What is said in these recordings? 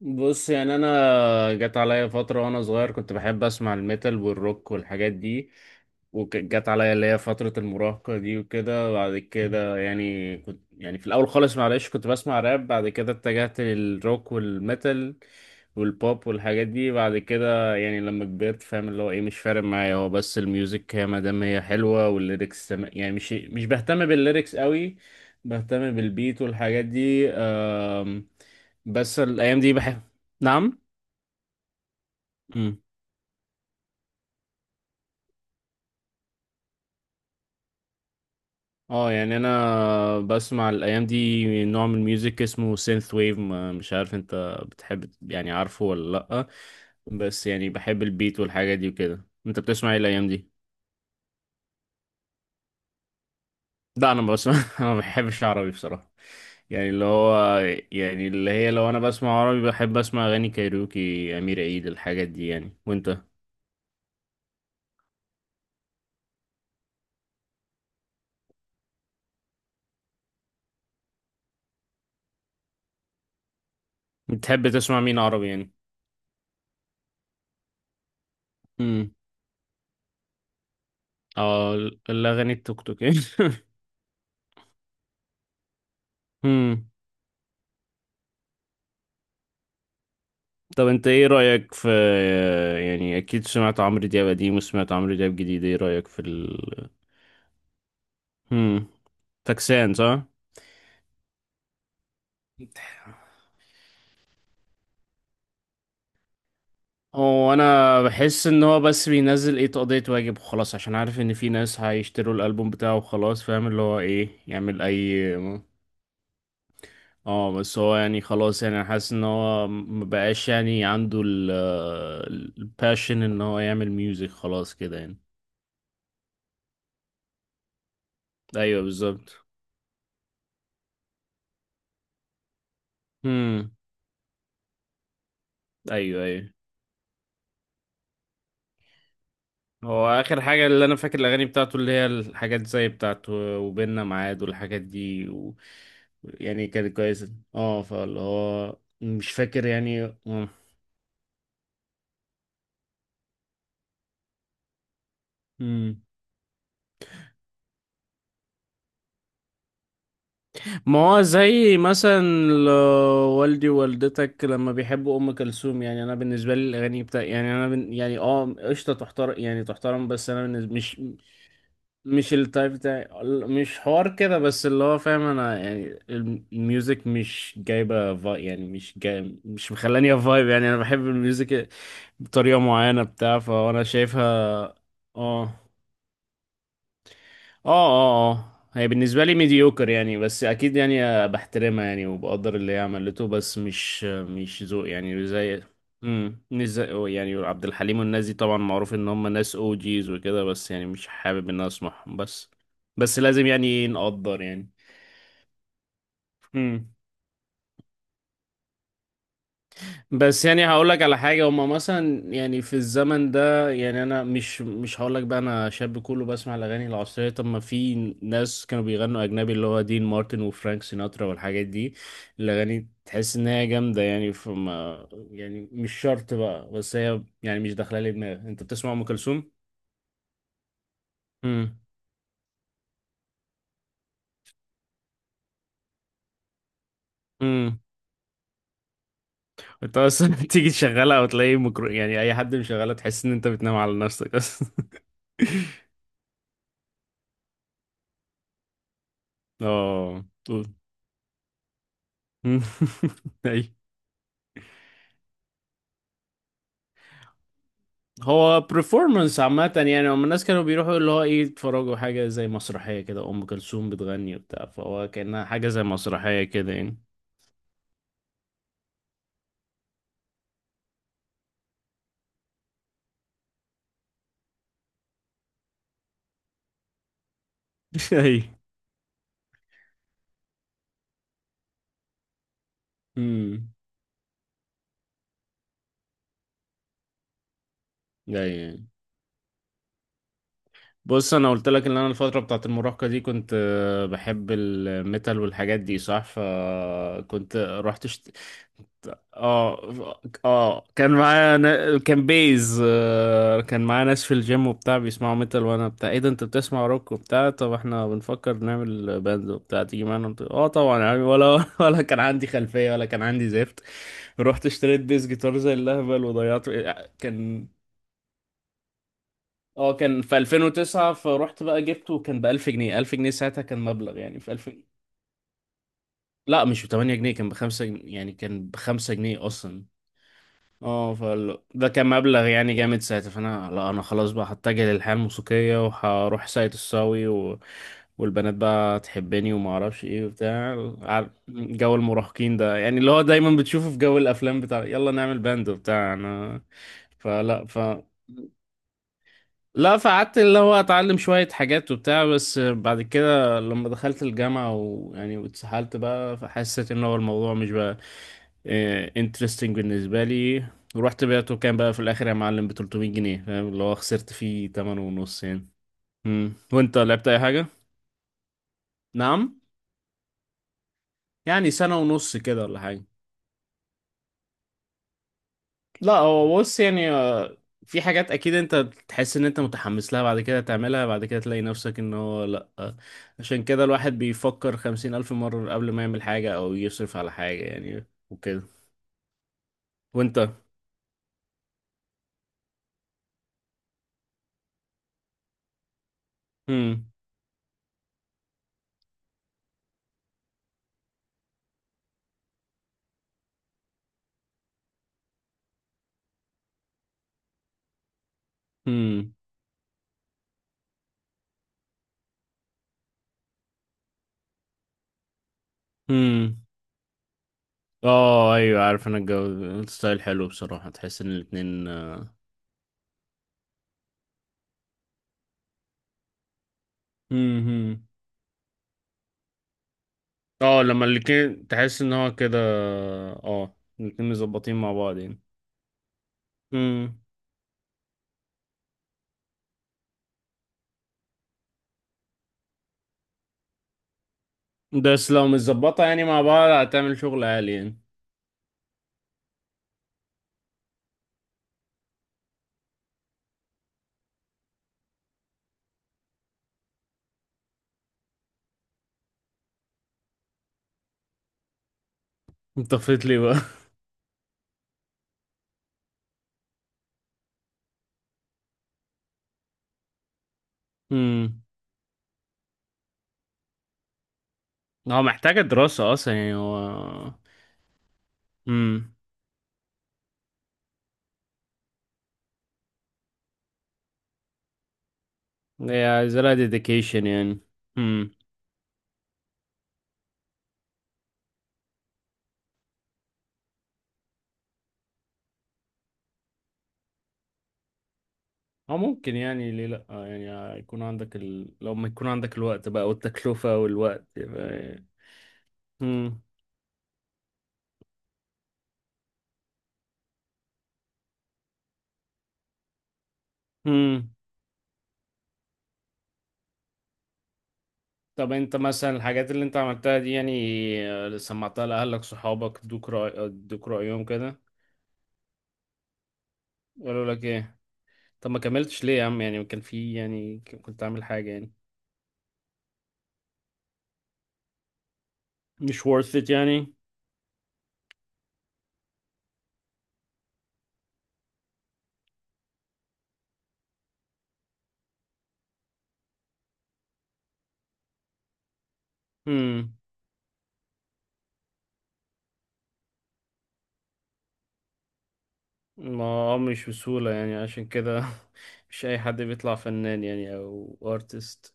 بص، يعني انا جت عليا فتره وانا صغير كنت بحب اسمع الميتال والروك والحاجات دي. وجت عليا اللي هي فتره المراهقه دي وكده. بعد كده يعني كنت في الاول خالص، معلش، كنت بسمع راب. بعد كده اتجهت للروك والميتال والبوب والحاجات دي. بعد كده يعني لما كبرت، فاهم اللي هو ايه، مش فارق معايا، هو بس الميوزك هي ما دام هي حلوه، والليركس يعني مش بهتم بالليركس قوي. بهتم بالبيت والحاجات دي. بس الايام دي بحب. نعم. امم. اه، يعني انا بسمع الايام دي نوع من الميوزك اسمه سينث ويف، مش عارف انت بتحب، يعني عارفه ولا لا؟ بس يعني بحب البيت والحاجه دي وكده. انت بتسمع ايه الايام دي؟ لا، انا بسمع انا ما بحبش عربي بصراحه، يعني اللي هو، يعني اللي هي لو انا بسمع عربي بحب اسمع اغاني كايروكي، امير عيد، الحاجات دي يعني. وانت بتحب تسمع مين عربي يعني؟ امم. اه، الاغاني التوك توك يعني. امم. طب انت ايه رأيك في، يعني اكيد سمعت عمرو دياب قديم وسمعت عمرو دياب جديد، ايه رأيك في ال، هم، فاكسان صح؟ هو انا بحس ان هو بس بينزل، ايه، تقضية واجب وخلاص، عشان عارف ان في ناس هيشتروا الالبوم بتاعه وخلاص، فاهم اللي هو ايه، يعمل اي. اه بس هو يعني خلاص، يعني انا حاسس ان هو مبقاش يعني عنده ال، الباشن ان هو يعمل ميوزك خلاص كده يعني. ايوه بالظبط. هم. ايوه ايوه. هو اخر حاجه اللي انا فاكر الاغاني بتاعته اللي هي الحاجات زي بتاعته وبيننا ميعاد والحاجات دي، و... يعني كانت كويسه، اه، فاللي هو مش فاكر يعني مم. ما هو زي مثلا، ل- والدي ووالدتك لما بيحبوا ام كلثوم، يعني انا بالنسبه لي الاغاني بتاع، يعني انا يعني اه، قشطه، تحترم، يعني تحترم، بس انا بالنسبة... مش، مش التايب بتاعي مش حوار كده، بس اللي هو فاهم، انا يعني الميوزك مش جايبه فايب يعني، مش جاي، مش مخلاني فايب يعني. انا بحب الميوزك بطريقه معينه بتاع، فانا شايفها. اه اه هي بالنسبة لي ميديوكر يعني، بس أكيد يعني بحترمها يعني، وبقدر اللي هي عملته، بس مش ذوق يعني، زي، امم، مش زي يعني عبد الحليم والناس دي، طبعا معروف إن هم ناس أو جيز وكده، بس يعني مش حابب إن أنا أسمعهم، بس بس لازم يعني نقدر يعني. بس يعني هقول لك على حاجة، هما مثلا يعني في الزمن ده يعني، أنا مش هقول لك بقى أنا شاب كله بسمع الأغاني العصرية، طب ما في ناس كانوا بيغنوا أجنبي اللي هو دين مارتن وفرانك سيناترا والحاجات دي، الأغاني تحس إن هي جامدة يعني، فما يعني مش شرط بقى، بس هي يعني مش داخلة لي دماغي. أنت بتسمع أم كلثوم؟ امم. امم. أنت أصلا تيجي تشغلها أو تلاقي يعني أي حد مشغلها تحس إن أنت بتنام على نفسك أصلا. أه. أيوه. هو performance عامة يعني، هم الناس كانوا بيروحوا اللي هو ايه، يتفرجوا حاجة زي مسرحية كده، أم كلثوم بتغني وبتاع، فهو كأنها حاجة زي مسرحية كده يعني. اي. امم. ايوه. بص، انا قلت لك ان انا الفتره بتاعت المراهقه دي كنت بحب الميتال والحاجات دي صح، فكنت رحت شت... اه اه، كان معايا نا... كان بيز آه، كان معايا ناس في الجيم وبتاع بيسمعوا ميتال، وانا بتاع ايه ده، انت بتسمع روك وبتاع، طب احنا بنفكر نعمل باند وبتاع، تيجي معانا؟ قلت اه طبعا يعني، ولا ولا كان عندي خلفيه، ولا كان عندي زفت. رحت اشتريت بيز جيتار زي اللهبل وضيعت. كان، اه، كان في 2009 فرحت بقى جبته، كان ب 1000 جنيه. 1000 جنيه ساعتها كان مبلغ يعني، في 1000 جنيه. لا مش ب 8 جنيه، كان ب 5 جنيه، يعني كان ب 5 جنيه اصلا. اه، ده كان مبلغ يعني جامد ساعتها، فانا لا، انا خلاص بقى هتجه للحياة الموسيقية، وهروح ساقية الصاوي و... والبنات بقى تحبني وما اعرفش ايه وبتاع. جو المراهقين ده يعني، اللي هو دايما بتشوفه في جو الافلام بتاع، يلا نعمل باند وبتاع. انا فلا ف لا فقعدت اللي هو اتعلم شوية حاجات وبتاع، بس بعد كده لما دخلت الجامعة ويعني واتسحلت بقى، فحسيت ان هو الموضوع مش بقى انترستنج بالنسبة لي. ورحت بعته، كان بقى في الاخر يا معلم ب 300 جنيه، فاهم اللي هو خسرت فيه 8 ونص يعني. مم. وانت لعبت اي حاجة؟ نعم. يعني سنة ونص كده ولا حاجة. لا هو بص يعني، آه، في حاجات اكيد انت تحس ان انت متحمس لها، بعد كده تعملها، بعد كده تلاقي نفسك ان هو لا، آه، عشان كده الواحد بيفكر خمسين الف مرة قبل ما يعمل حاجة او يصرف على حاجة يعني وكده. وانت. هم هم هم اه ايوه عارف انا الجو، الستايل حلو بصراحة، تحس ان الاتنين آه. هم اه لما الاتنين تحس ان هو كده، اه الاتنين مظبطين مع بعض يعني. بس لو متظبطة يعني مع بعض هتعمل شغل عالي يعني. انت فايت لي بقى. امم. هو محتاجة دراسة اصلا يعني هو. امم. هي عايزة لها ديديكيشن يعني. امم. هو ممكن يعني، ليه لأ يعني يكون عندك ال... لو ما يكون عندك الوقت بقى، والتكلفة والوقت يبقى. امم. امم. طب انت مثلا الحاجات اللي انت عملتها دي يعني، آه، سمعتها لأهلك، صحابك، ادوك رأي، ادوك رأيهم كده؟ قالوا لك ايه؟ طب ما كملتش ليه يا عم يعني، كان في يعني، كنت عامل حاجة يعني، مش worth it يعني. امم. ما آه، مش بسهولة يعني عشان كده. مش أي حد بيطلع فنان يعني أو artist.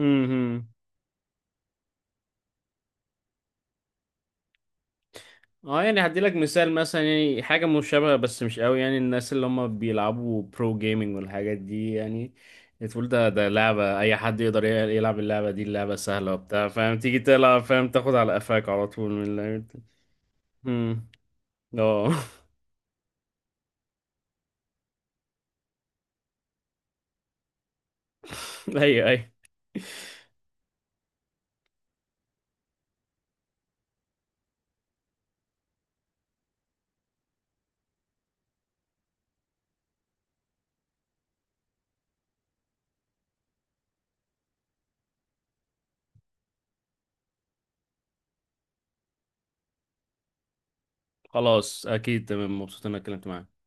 امم. اه يعني هديلك مثال، مثلا يعني حاجة مشابهة بس مش قوي يعني، الناس اللي هم بيلعبوا برو جيمنج والحاجات دي يعني، تقول ده ده لعبة أي حد يقدر يلعب اللعبة دي، اللعبة سهلة وبتاع، فاهم، تيجي تلعب فاهم، تاخد على قفاك على طول من اللعبة. امم. اه. أيوه أيوه. خلاص، أكيد، تمام، مبسوط إني اتكلمت معاك.